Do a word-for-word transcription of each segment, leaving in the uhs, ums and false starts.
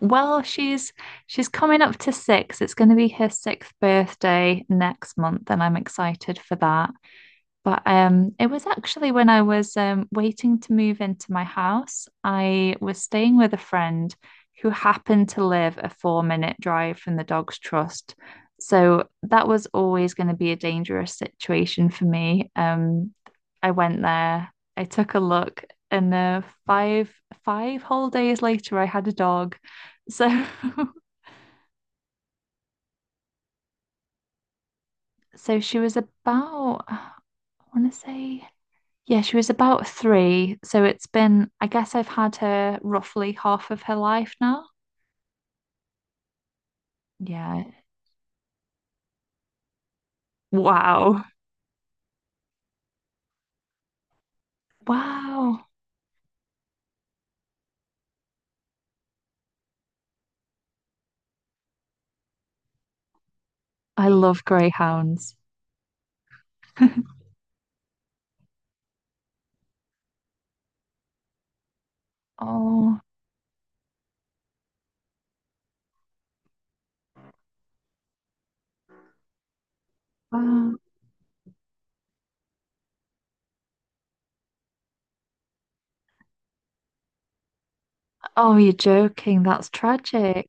Well, she's she's coming up to six. It's going to be her sixth birthday next month, and I'm excited for that. But um, it was actually when I was um, waiting to move into my house, I was staying with a friend who happened to live a four minute drive from the Dogs Trust. So that was always going to be a dangerous situation for me. Um, I went there, I took a look, and uh, five five whole days later, I had a dog. So so she was about, I want to say, yeah, she was about three. So it's been, I guess I've had her roughly half of her life now. Yeah. Wow. Wow. I love greyhounds. Oh, wow. Oh, you're joking. That's tragic.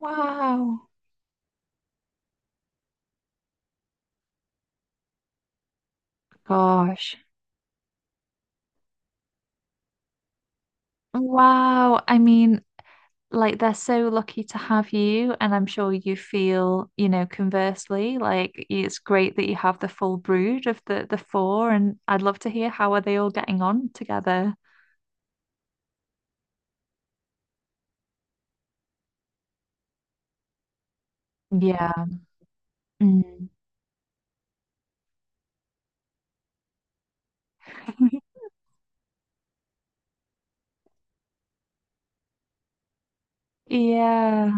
Wow. Gosh. Wow. I mean, like they're so lucky to have you, and I'm sure you feel, you know, conversely, like it's great that you have the full brood of the the four, and I'd love to hear how are they all getting on together. Yeah. Mm. Yeah.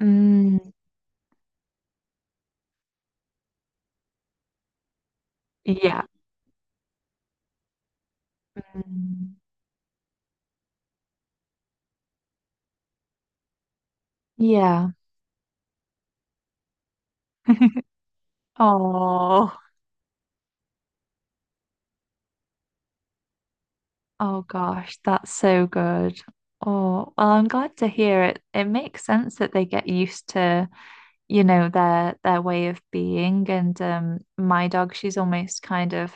Mm. Yeah. Mm. Yeah. Oh, oh gosh, that's so good. Oh, well, I'm glad to hear it. It makes sense that they get used to, you know, their their way of being. And um, my dog, she's almost kind of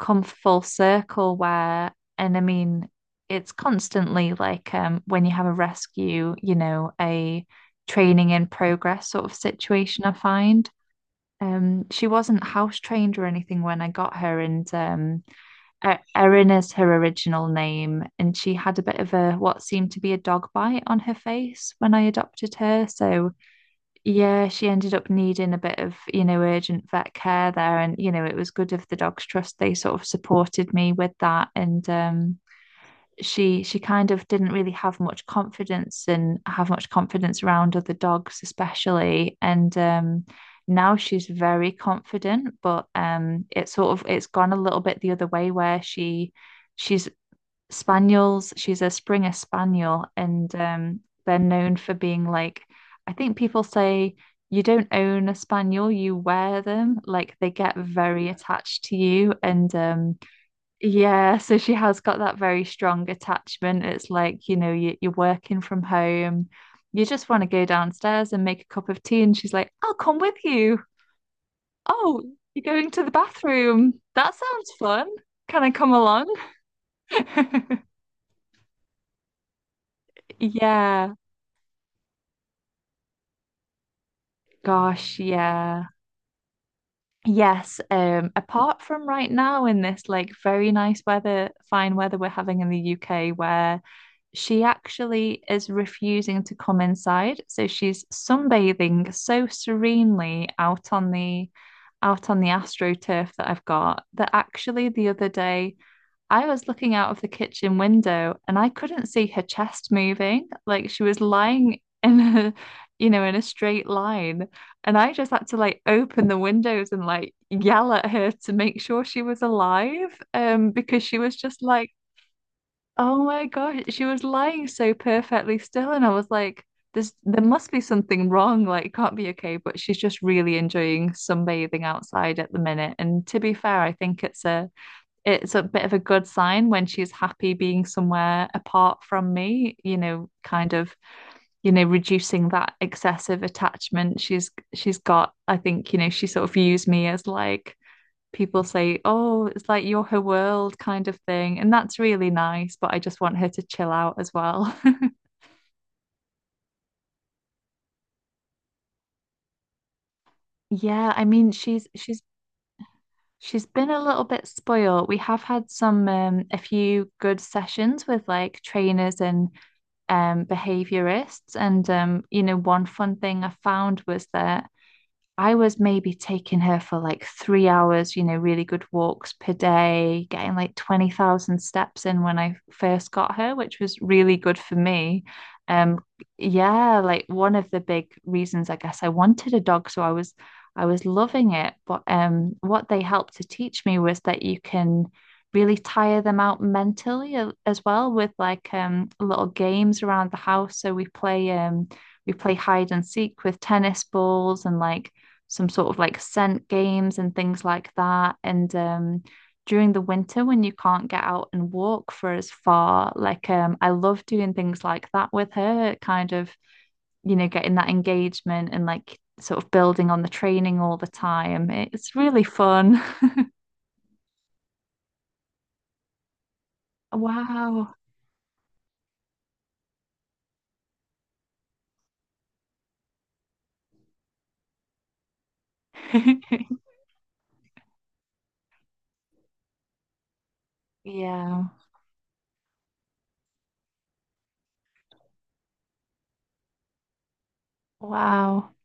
come full circle where, and I mean, it's constantly like um, when you have a rescue, you know, a training in progress sort of situation, I find. Um, she wasn't house trained or anything when I got her, and um, E- Erin is her original name, and she had a bit of a what seemed to be a dog bite on her face when I adopted her. So yeah, she ended up needing a bit of, you know, urgent vet care there. And, you know, it was good of the Dogs Trust. They sort of supported me with that. And um, she she kind of didn't really have much confidence and have much confidence around other dogs, especially. And um, now she's very confident, but um, it's sort of it's gone a little bit the other way where she she's spaniels. She's a Springer Spaniel, and um, they're known for being like, I think people say you don't own a spaniel, you wear them. Like they get very attached to you, and um, yeah, so she has got that very strong attachment. It's like, you know, you, you're working from home. You just want to go downstairs and make a cup of tea, and she's like, "I'll come with you." Oh, you're going to the bathroom. That sounds fun. Can I come along? Yeah, gosh, yeah. Yes, um, apart from right now in this like very nice weather, fine weather we're having in the U K, where she actually is refusing to come inside. So she's sunbathing so serenely out on the out on the AstroTurf that I've got, that actually the other day I was looking out of the kitchen window and I couldn't see her chest moving. Like she was lying in a, you know, in a straight line. And I just had to like open the windows and like yell at her to make sure she was alive. Um, because she was just like, oh my gosh, she was lying so perfectly still. And I was like, there's there must be something wrong. Like it can't be okay. But she's just really enjoying sunbathing outside at the minute. And to be fair, I think it's a it's a bit of a good sign when she's happy being somewhere apart from me, you know, kind of, you know, reducing that excessive attachment she's she's got. I think, you know, she sort of views me as like, people say, oh, it's like you're her world, kind of thing, and that's really nice, but I just want her to chill out as well. Yeah, I mean, she's she's She's been a little bit spoiled. We have had some um, a few good sessions with like trainers and um, behaviorists. And, um, you know, one fun thing I found was that I was maybe taking her for like three hours, you know, really good walks per day, getting like twenty thousand steps in when I first got her, which was really good for me. Um, yeah, like one of the big reasons I guess I wanted a dog, so I was I was loving it. But um, what they helped to teach me was that you can really tire them out mentally as well with like um little games around the house. So we play um we play hide and seek with tennis balls and like some sort of like scent games and things like that. And um, during the winter, when you can't get out and walk for as far, like um, I love doing things like that with her, kind of, you know, getting that engagement and like sort of building on the training all the time. It's really fun. Wow. Yeah. Wow.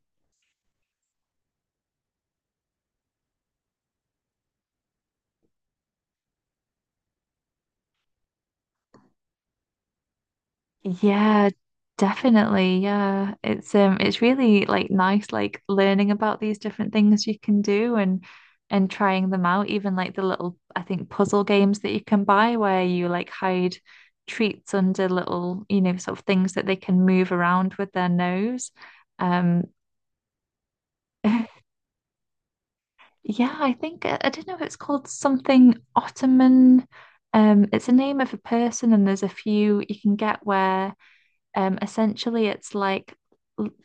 Yeah, definitely. Yeah. It's um it's really like nice like learning about these different things you can do and and trying them out, even like the little I think puzzle games that you can buy where you like hide treats under little, you know, sort of things that they can move around with their nose. Um yeah, I think I, I don't know if it's called something Ottoman. Um it's a name of a person, and there's a few you can get where. Um, essentially, it's like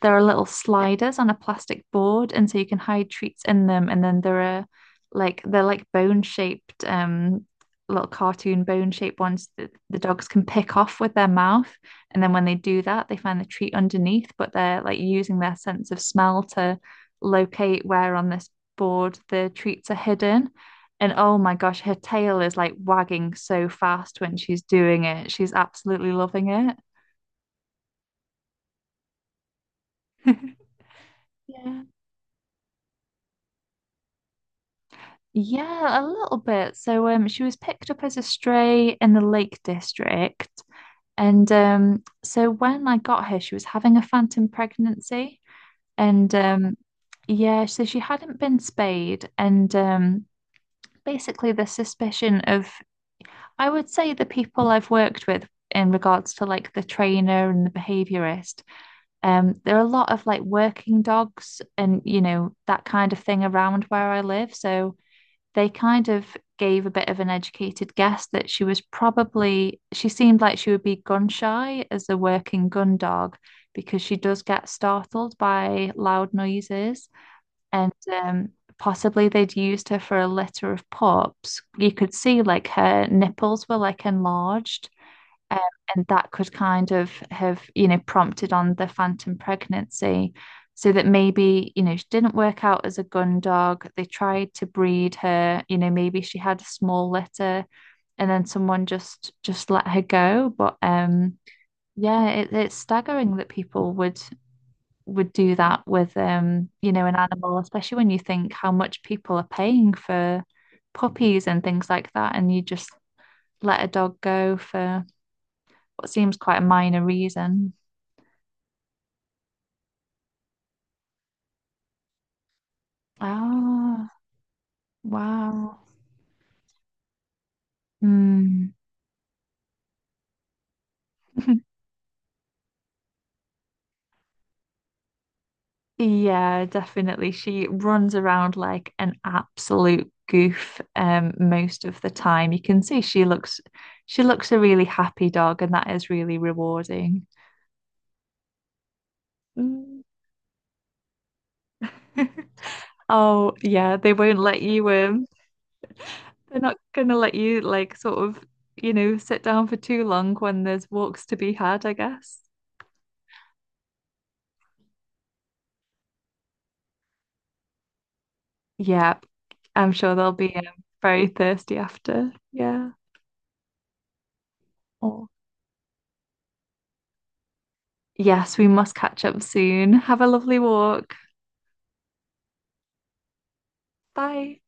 there are little sliders on a plastic board, and so you can hide treats in them. And then there are, like, they're like bone shaped, um, little cartoon bone shaped ones that the dogs can pick off with their mouth. And then when they do that, they find the treat underneath, but they're like using their sense of smell to locate where on this board the treats are hidden. And oh my gosh, her tail is like wagging so fast when she's doing it. She's absolutely loving it. Yeah. Yeah, a little bit. So um she was picked up as a stray in the Lake District. And um so when I got her, she was having a phantom pregnancy. And um yeah, so she hadn't been spayed. And um basically the suspicion of, I would say, the people I've worked with in regards to like the trainer and the behaviorist, um, there are a lot of like working dogs and, you know, that kind of thing around where I live. So they kind of gave a bit of an educated guess that she was probably, she seemed like she would be gun shy as a working gun dog because she does get startled by loud noises. And um, possibly they'd used her for a litter of pups. You could see like her nipples were like enlarged, um, and that could kind of have, you know, prompted on the phantom pregnancy. So that maybe, you know, she didn't work out as a gun dog. They tried to breed her, you know, maybe she had a small litter and then someone just just let her go. But um yeah, it, it's staggering that people would would do that with um, you know, an animal, especially when you think how much people are paying for puppies and things like that, and you just let a dog go for what seems quite a minor reason. Ah, wow. Hmm. Yeah, definitely. She runs around like an absolute goof um most of the time. You can see she looks she looks a really happy dog, and that is really rewarding. Mm. Oh, yeah, they won't let you um they're not gonna let you, like, sort of, you know, sit down for too long when there's walks to be had, I guess. Yeah, I'm sure they'll be um, very thirsty after. Yeah. Oh. Yes, we must catch up soon. Have a lovely walk. Bye.